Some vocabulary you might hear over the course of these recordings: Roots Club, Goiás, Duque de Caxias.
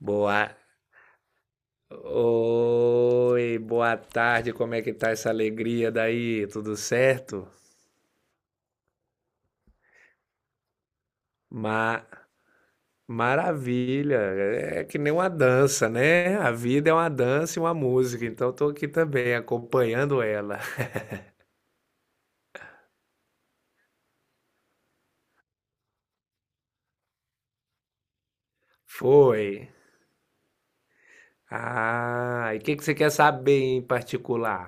Boa. Oi, boa tarde. Como é que tá essa alegria daí? Tudo certo? Ma Maravilha. É que nem uma dança, né? A vida é uma dança e uma música, então eu tô aqui também acompanhando ela. Foi. Ah, e o que que você quer saber em particular?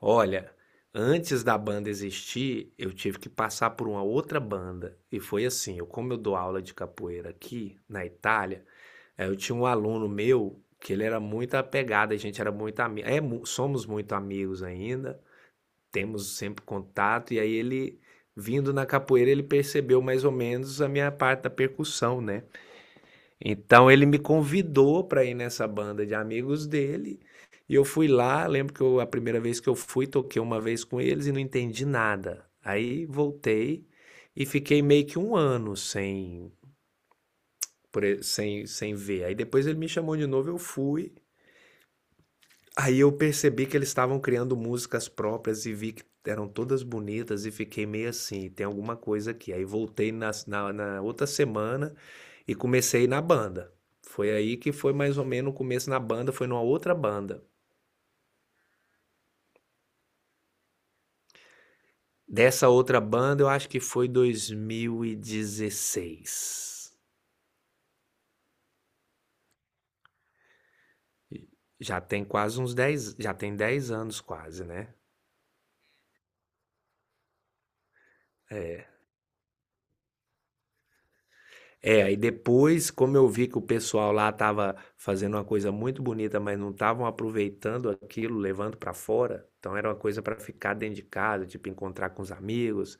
Olha, antes da banda existir, eu tive que passar por uma outra banda. E foi assim, eu, como eu dou aula de capoeira aqui na Itália, é, eu tinha um aluno meu que ele era muito apegado, a gente era muito amigo, é, somos muito amigos ainda, temos sempre contato, e aí ele, vindo na capoeira, ele percebeu mais ou menos a minha parte da percussão, né? Então ele me convidou para ir nessa banda de amigos dele, e eu fui lá, lembro que a primeira vez que eu fui, toquei uma vez com eles e não entendi nada. Aí voltei e fiquei meio que um ano sem, sem, sem ver. Aí depois ele me chamou de novo, eu fui. Aí eu percebi que eles estavam criando músicas próprias e vi que eram todas bonitas e fiquei meio assim, tem alguma coisa aqui. Aí voltei na, na outra semana e comecei na banda. Foi aí que foi mais ou menos o começo na banda, foi numa outra banda. Dessa outra banda eu acho que foi 2016. Já tem quase uns 10 já tem 10 anos quase, né? É. É, aí depois, como eu vi que o pessoal lá estava fazendo uma coisa muito bonita, mas não estavam aproveitando aquilo, levando para fora, então era uma coisa para ficar dentro de casa, tipo encontrar com os amigos.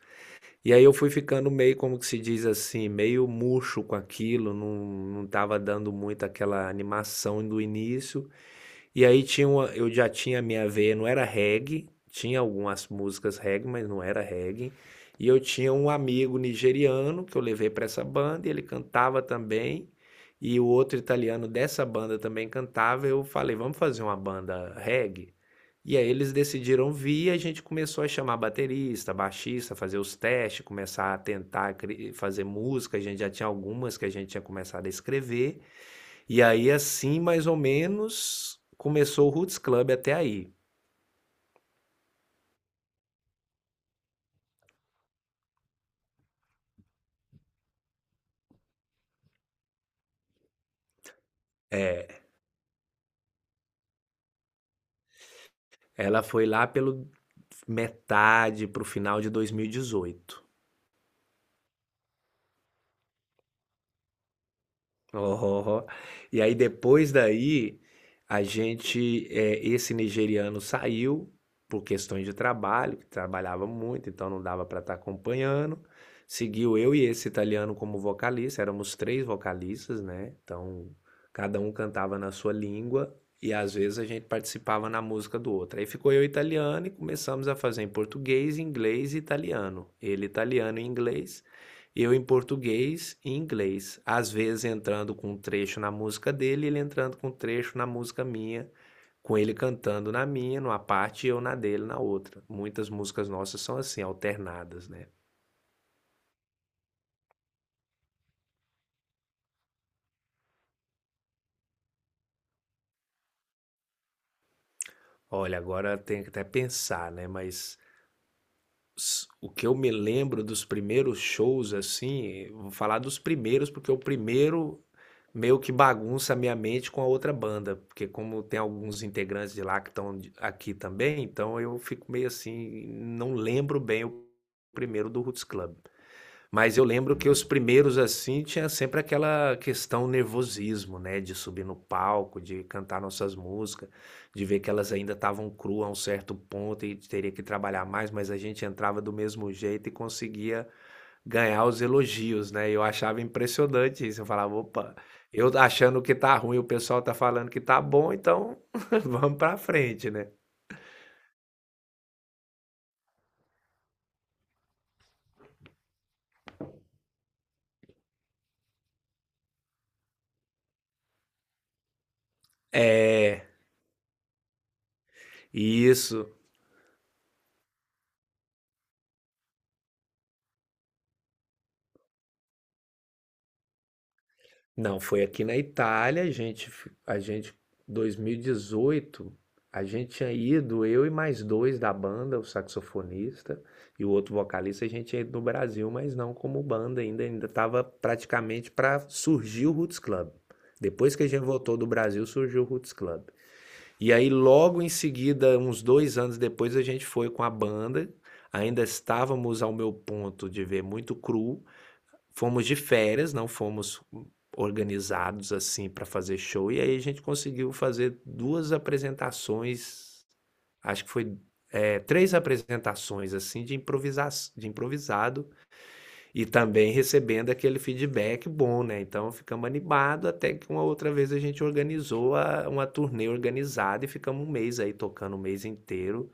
E aí eu fui ficando meio, como que se diz assim, meio murcho com aquilo, não, não tava dando muito aquela animação do início. E aí tinha uma, eu já tinha minha veia, não era reggae, tinha algumas músicas reggae, mas não era reggae. E eu tinha um amigo nigeriano que eu levei para essa banda, e ele cantava também. E o outro italiano dessa banda também cantava. Eu falei, vamos fazer uma banda reggae? E aí eles decidiram vir e a gente começou a chamar baterista, baixista, fazer os testes, começar a tentar fazer música. A gente já tinha algumas que a gente tinha começado a escrever. E aí, assim, mais ou menos, começou o Roots Club até aí. É, ela foi lá pelo metade pro final de 2018. Oh. E aí depois daí, a gente, esse nigeriano saiu por questões de trabalho, que trabalhava muito, então não dava para estar acompanhando. Seguiu eu e esse italiano como vocalista, éramos três vocalistas, né? Então cada um cantava na sua língua e às vezes a gente participava na música do outro. Aí ficou eu e italiano e começamos a fazer em português, inglês e italiano. Ele italiano e inglês. Eu em português e inglês, às vezes entrando com um trecho na música dele, ele entrando com um trecho na música minha, com ele cantando na minha, numa parte, e eu na dele, na outra. Muitas músicas nossas são assim, alternadas, né? Olha, agora tem que até pensar, né? Mas o que eu me lembro dos primeiros shows, assim, vou falar dos primeiros, porque o primeiro meio que bagunça a minha mente com a outra banda, porque como tem alguns integrantes de lá que estão aqui também, então eu fico meio assim, não lembro bem o primeiro do Roots Club. Mas eu lembro que os primeiros assim tinha sempre aquela questão nervosismo, né, de subir no palco, de cantar nossas músicas, de ver que elas ainda estavam cruas a um certo ponto e teria que trabalhar mais, mas a gente entrava do mesmo jeito e conseguia ganhar os elogios, né, eu achava impressionante isso, eu falava: "Opa, eu achando que tá ruim, o pessoal tá falando que tá bom, então vamos pra frente, né". É, isso. Não, foi aqui na Itália, a gente f a gente 2018, a gente tinha ido, eu e mais 2 da banda, o saxofonista e o outro vocalista, a gente tinha ido no Brasil, mas não como banda ainda, ainda estava praticamente para surgir o Roots Club. Depois que a gente voltou do Brasil, surgiu o Roots Club. E aí, logo em seguida, uns 2 anos depois, a gente foi com a banda. Ainda estávamos ao meu ponto de ver muito cru. Fomos de férias, não fomos organizados assim para fazer show. E aí a gente conseguiu fazer duas apresentações. Acho que foi é, três apresentações assim de, improvisa de improvisado e também recebendo aquele feedback bom, né, então ficamos animados até que uma outra vez a gente organizou a uma turnê organizada e ficamos um mês aí tocando o mês inteiro,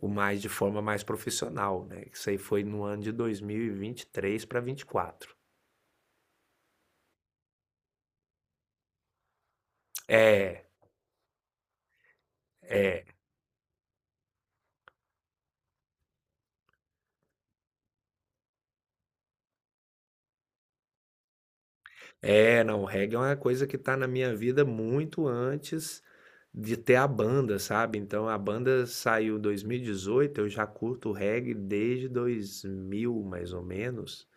o mais de forma mais profissional, né, isso aí foi no ano de 2023 para 24. É, é, não, o reggae é uma coisa que está na minha vida muito antes de ter a banda, sabe, então a banda saiu 2018, eu já curto reggae desde 2000 mais ou menos.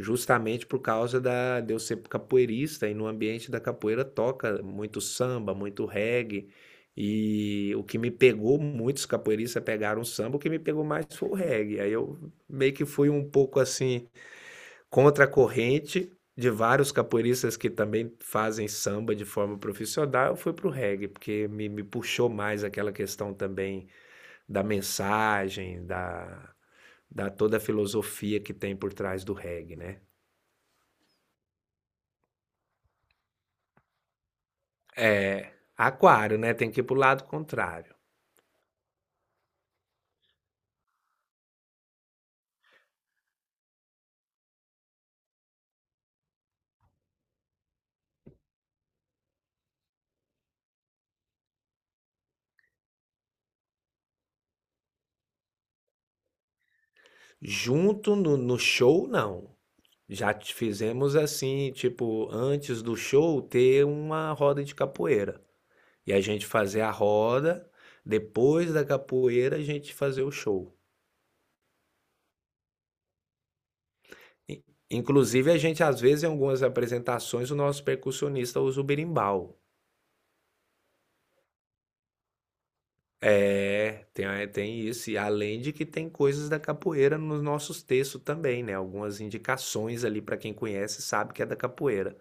Justamente por causa da de eu ser capoeirista e no ambiente da capoeira toca muito samba, muito reggae. E o que me pegou, muitos capoeiristas pegaram o samba, o que me pegou mais foi o reggae. Aí eu meio que fui um pouco assim, contra a corrente de vários capoeiristas que também fazem samba de forma profissional, eu fui pro reggae, porque me puxou mais aquela questão também da mensagem, da, da toda a filosofia que tem por trás do reggae, né? É, aquário, né, tem que ir para o lado contrário. Junto no show, não. Já t fizemos assim, tipo, antes do show ter uma roda de capoeira. E a gente fazer a roda, depois da capoeira a gente fazer o show. In inclusive a gente, às vezes, em algumas apresentações, o nosso percussionista usa o berimbau. É, tem isso. E além de que tem coisas da capoeira nos nossos textos também, né, algumas indicações ali para quem conhece sabe que é da capoeira.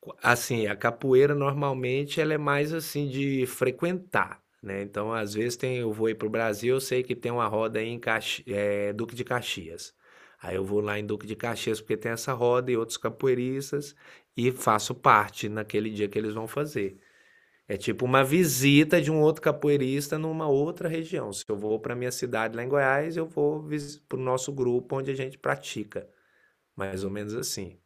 Co assim, a capoeira normalmente ela é mais, assim, de frequentar, né, então às vezes tem eu vou ir para o Brasil, eu sei que tem uma roda aí em Duque de Caxias. Aí eu vou lá em Duque de Caxias porque tem essa roda e outros capoeiristas, e faço parte naquele dia que eles vão fazer. É tipo uma visita de um outro capoeirista numa outra região. Se eu vou para minha cidade lá em Goiás, eu vou para o nosso grupo onde a gente pratica, mais ou menos assim.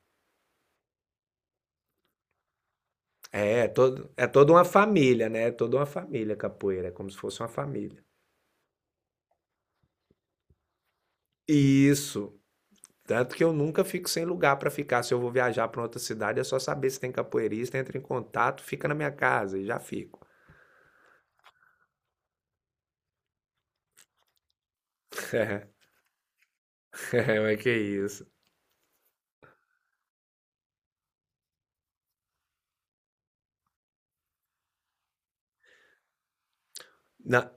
É toda uma família, né? É toda uma família capoeira, é como se fosse uma família. Isso. Tanto que eu nunca fico sem lugar para ficar. Se eu vou viajar para outra cidade, é só saber se tem capoeirista, entra em contato, fica na minha casa e já fico. Como é mas que é isso? Não,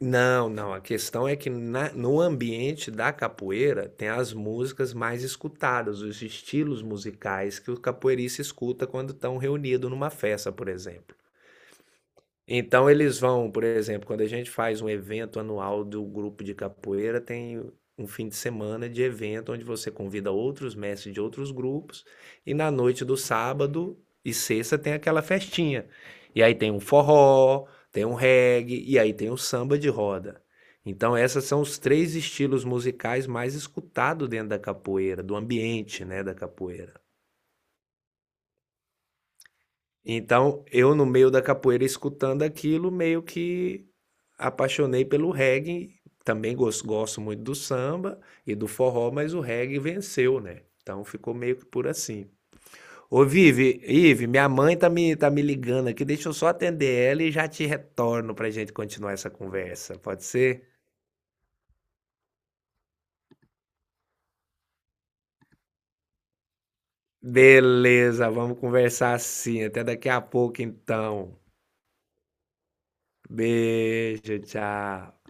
Não, a questão é que na no ambiente da capoeira tem as músicas mais escutadas, os estilos musicais que o capoeirista escuta quando estão reunido numa festa, por exemplo. Então eles vão, por exemplo, quando a gente faz um evento anual do grupo de capoeira, tem um fim de semana de evento onde você convida outros mestres de outros grupos e na noite do sábado e sexta tem aquela festinha. E aí tem um forró, tem um reggae e aí tem o samba de roda. Então essas são os três estilos musicais mais escutados dentro da capoeira, do ambiente, né, da capoeira. Então eu no meio da capoeira escutando aquilo meio que apaixonei pelo reggae, também gosto muito do samba e do forró, mas o reggae venceu, né? Então ficou meio que por assim. Ô, Vivi, Ive, minha mãe tá me ligando aqui, deixa eu só atender ela e já te retorno pra gente continuar essa conversa, pode ser? Beleza, vamos conversar assim. Até daqui a pouco, então. Beijo, tchau.